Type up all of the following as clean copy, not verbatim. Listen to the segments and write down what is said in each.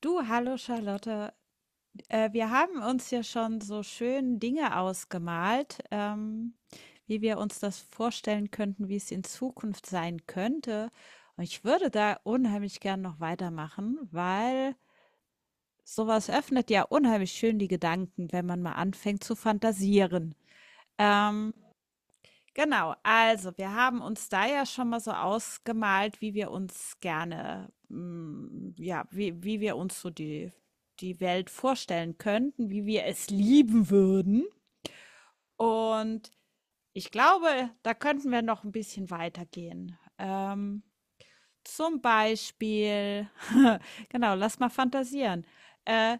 Du, hallo Charlotte. Wir haben uns ja schon so schön Dinge ausgemalt, wie wir uns das vorstellen könnten, wie es in Zukunft sein könnte. Und ich würde da unheimlich gern noch weitermachen, weil sowas öffnet ja unheimlich schön die Gedanken, wenn man mal anfängt zu fantasieren. Ähm, Genau, also wir haben uns da ja schon mal so ausgemalt, wie wir uns gerne, ja, wie wir uns so die, die Welt vorstellen könnten, wie wir es lieben würden. Und ich glaube, da könnten wir noch ein bisschen weitergehen. Zum Beispiel, genau, lass mal fantasieren. Äh,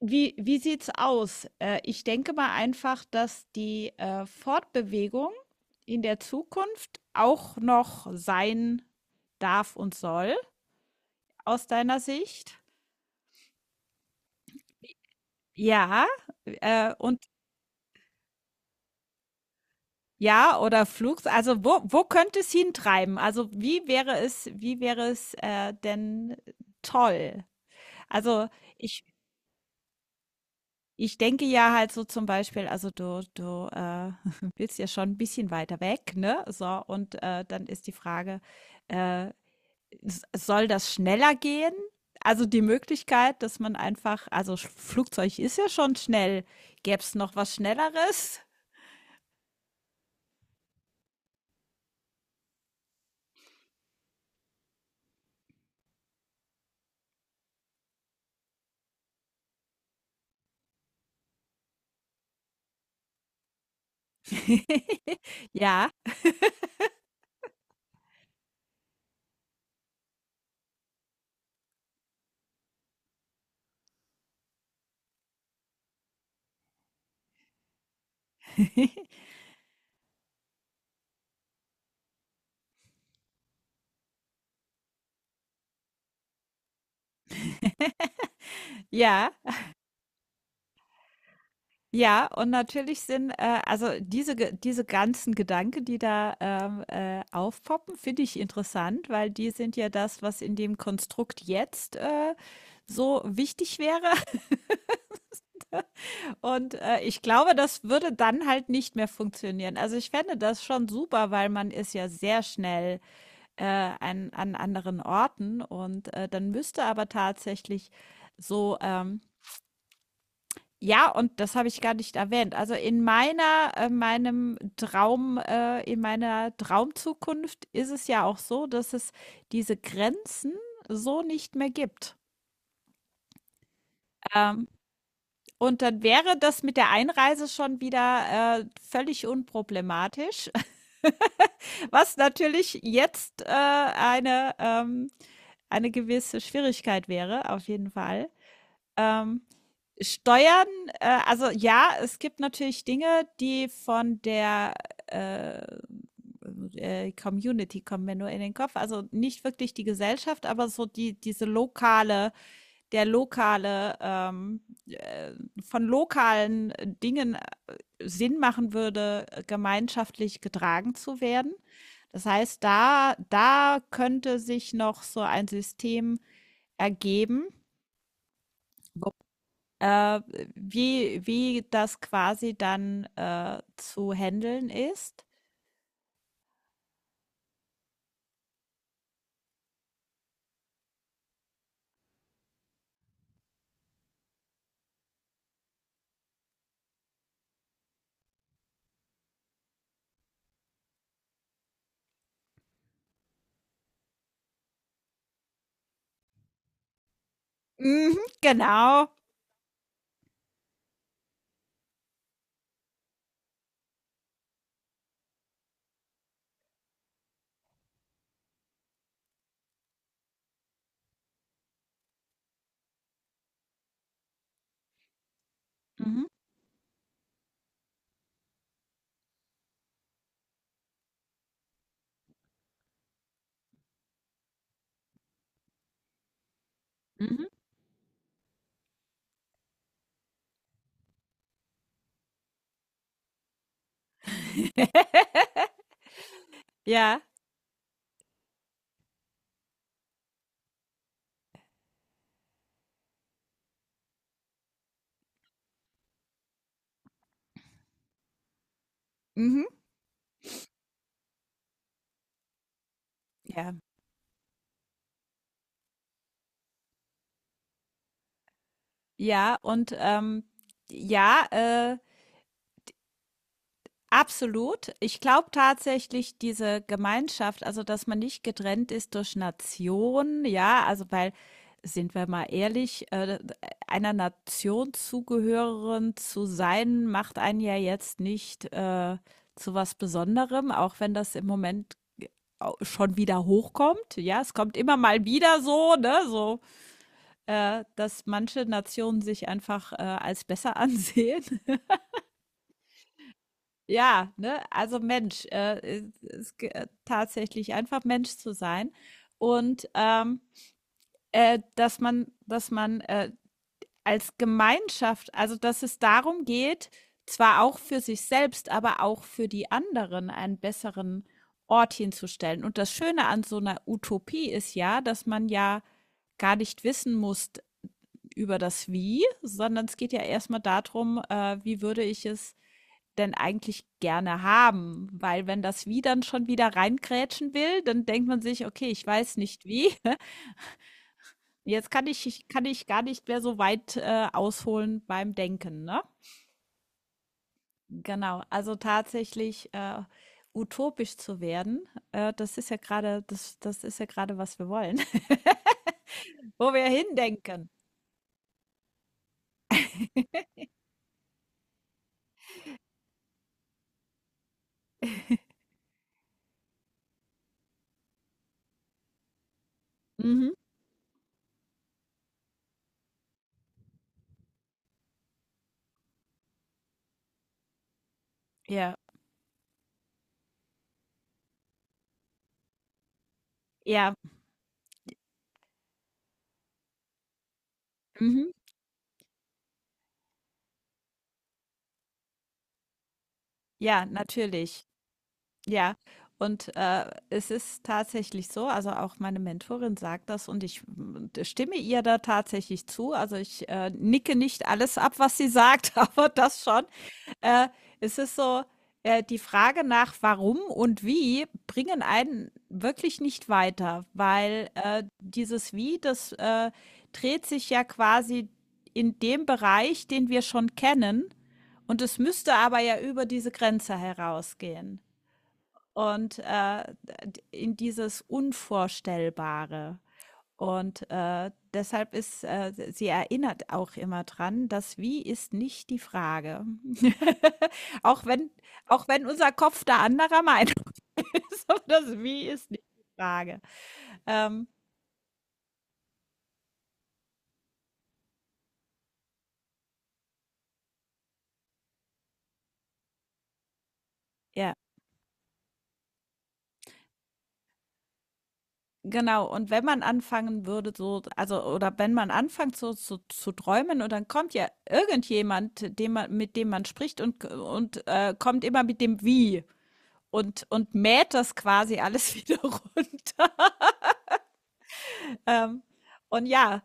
wie sieht's aus? Ich denke mal einfach, dass die, Fortbewegung in der Zukunft auch noch sein darf und soll aus deiner Sicht. Ja, und ja, oder Flugs, also, wo könnte es hintreiben? Also, wie wäre es denn toll? Also, ich Ich denke ja halt so zum Beispiel, also du willst ja schon ein bisschen weiter weg, ne? So, und, dann ist die Frage, äh, s soll das schneller gehen? Also, die Möglichkeit, dass man einfach, also, Sch Flugzeug ist ja schon schnell. Gäb's noch was Schnelleres? Ja. Ja. Ja, und natürlich sind, also diese ganzen Gedanken, die da, aufpoppen, finde ich interessant, weil die sind ja das, was in dem Konstrukt jetzt, so wichtig wäre. Und, ich glaube, das würde dann halt nicht mehr funktionieren. Also, ich fände das schon super, weil man ist ja sehr schnell, äh, an anderen Orten, und, dann müsste aber tatsächlich so. Ja, und das habe ich gar nicht erwähnt. Also in meiner, meinem Traum, in meiner Traumzukunft ist es ja auch so, dass es diese Grenzen so nicht mehr gibt. Ähm, und dann wäre das mit der Einreise schon wieder völlig unproblematisch, was natürlich jetzt eine gewisse Schwierigkeit wäre, auf jeden Fall. Ähm, Steuern, also ja, es gibt natürlich Dinge, die von der äh, Community, kommen mir nur in den Kopf. Also nicht wirklich die Gesellschaft, aber so diese lokale, der lokale, äh, von lokalen Dingen Sinn machen würde, gemeinschaftlich getragen zu werden. Das heißt, da könnte sich noch so ein System ergeben, äh, wie das quasi dann, zu handeln ist? Mhm, genau. Mhm, mhm. Ja. Mhm, ja. Ja, und, ja, absolut. Ich glaube tatsächlich diese Gemeinschaft, also dass man nicht getrennt ist durch Nation, ja, also weil, sind wir mal ehrlich, einer Nation zugehören zu sein, macht einen ja jetzt nicht zu was Besonderem, auch wenn das im Moment schon wieder hochkommt. Ja, es kommt immer mal wieder so, ne, so, dass manche Nationen sich einfach als besser ansehen. Ja, ne? Also Mensch, tatsächlich einfach Mensch zu sein, und dass man, dass man als Gemeinschaft, also dass es darum geht, zwar auch für sich selbst, aber auch für die anderen einen besseren Ort hinzustellen. Und das Schöne an so einer Utopie ist ja, dass man ja gar nicht wissen muss über das Wie, sondern es geht ja erstmal darum, wie würde ich es denn eigentlich gerne haben? Weil wenn das Wie dann schon wieder reingrätschen will, dann denkt man sich, okay, ich weiß nicht wie. Jetzt kann ich gar nicht mehr so weit ausholen beim Denken, ne? Genau, also tatsächlich utopisch zu werden, das ist ja gerade, das ist ja gerade, was wir wollen, wo wir hindenken. Mhm. Ja, ja, mhm. Ja, natürlich. Ja, und es ist tatsächlich so, also auch meine Mentorin sagt das und ich, stimme ihr da tatsächlich zu. Also ich nicke nicht alles ab, was sie sagt, aber das schon. Äh, Es ist so, die Frage nach warum und wie bringen einen wirklich nicht weiter, weil dieses Wie, das dreht sich ja quasi in dem Bereich, den wir schon kennen, und es müsste aber ja über diese Grenze herausgehen und in dieses Unvorstellbare. Und deshalb ist, sie erinnert auch immer dran, das Wie ist nicht die Frage. auch, wenn, auch wenn unser Kopf da anderer Meinung ist, aber das Wie ist nicht die Frage. Ähm, ja, genau. Und wenn man anfangen würde, so, also, oder wenn man anfängt, so zu träumen, und dann kommt ja irgendjemand, dem man, mit dem man spricht, und, und kommt immer mit dem Wie, und mäht das quasi alles wieder runter. Ähm, und ja,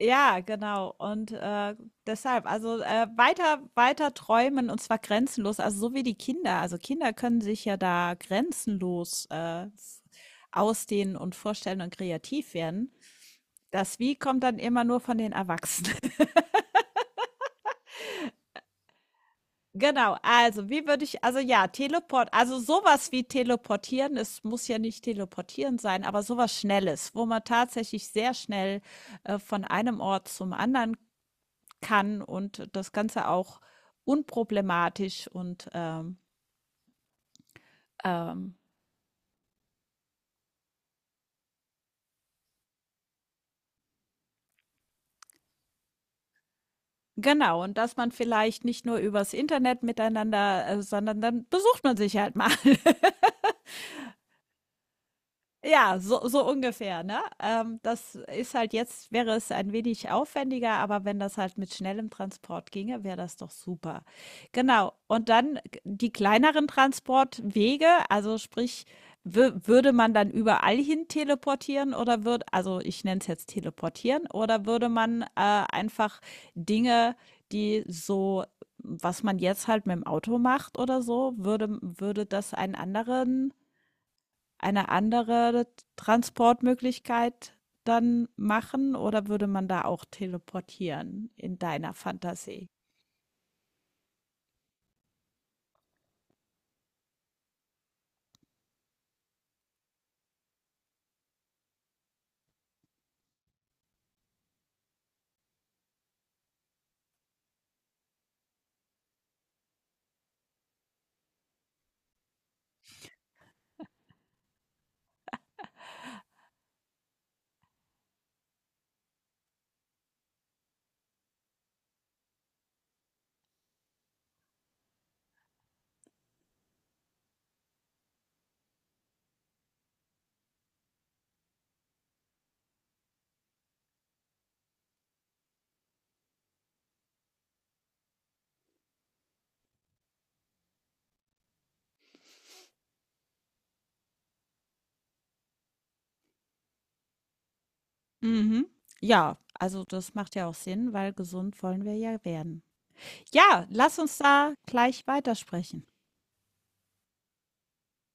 ja, genau. Und deshalb, also weiter, weiter träumen, und zwar grenzenlos, also so wie die Kinder. Also Kinder können sich ja da grenzenlos ausdehnen und vorstellen und kreativ werden. Das Wie kommt dann immer nur von den Erwachsenen. Genau, also wie würde ich, also ja, Teleport, also sowas wie teleportieren, es muss ja nicht teleportieren sein, aber sowas Schnelles, wo man tatsächlich sehr schnell, von einem Ort zum anderen kann, und das Ganze auch unproblematisch, und, ähm genau, und dass man vielleicht nicht nur übers Internet miteinander, sondern dann besucht man sich halt mal. Ja, so ungefähr, ne? Das ist halt jetzt, wäre es ein wenig aufwendiger, aber wenn das halt mit schnellem Transport ginge, wäre das doch super. Genau. Und dann die kleineren Transportwege, also sprich, würde man dann überall hin teleportieren, oder würde, also ich nenne es jetzt teleportieren, oder würde man einfach Dinge, die so, was man jetzt halt mit dem Auto macht oder so, würde das eine andere Transportmöglichkeit dann machen, oder würde man da auch teleportieren in deiner Fantasie? Mhm. Ja, also das macht ja auch Sinn, weil gesund wollen wir ja werden. Ja, lass uns da gleich weitersprechen.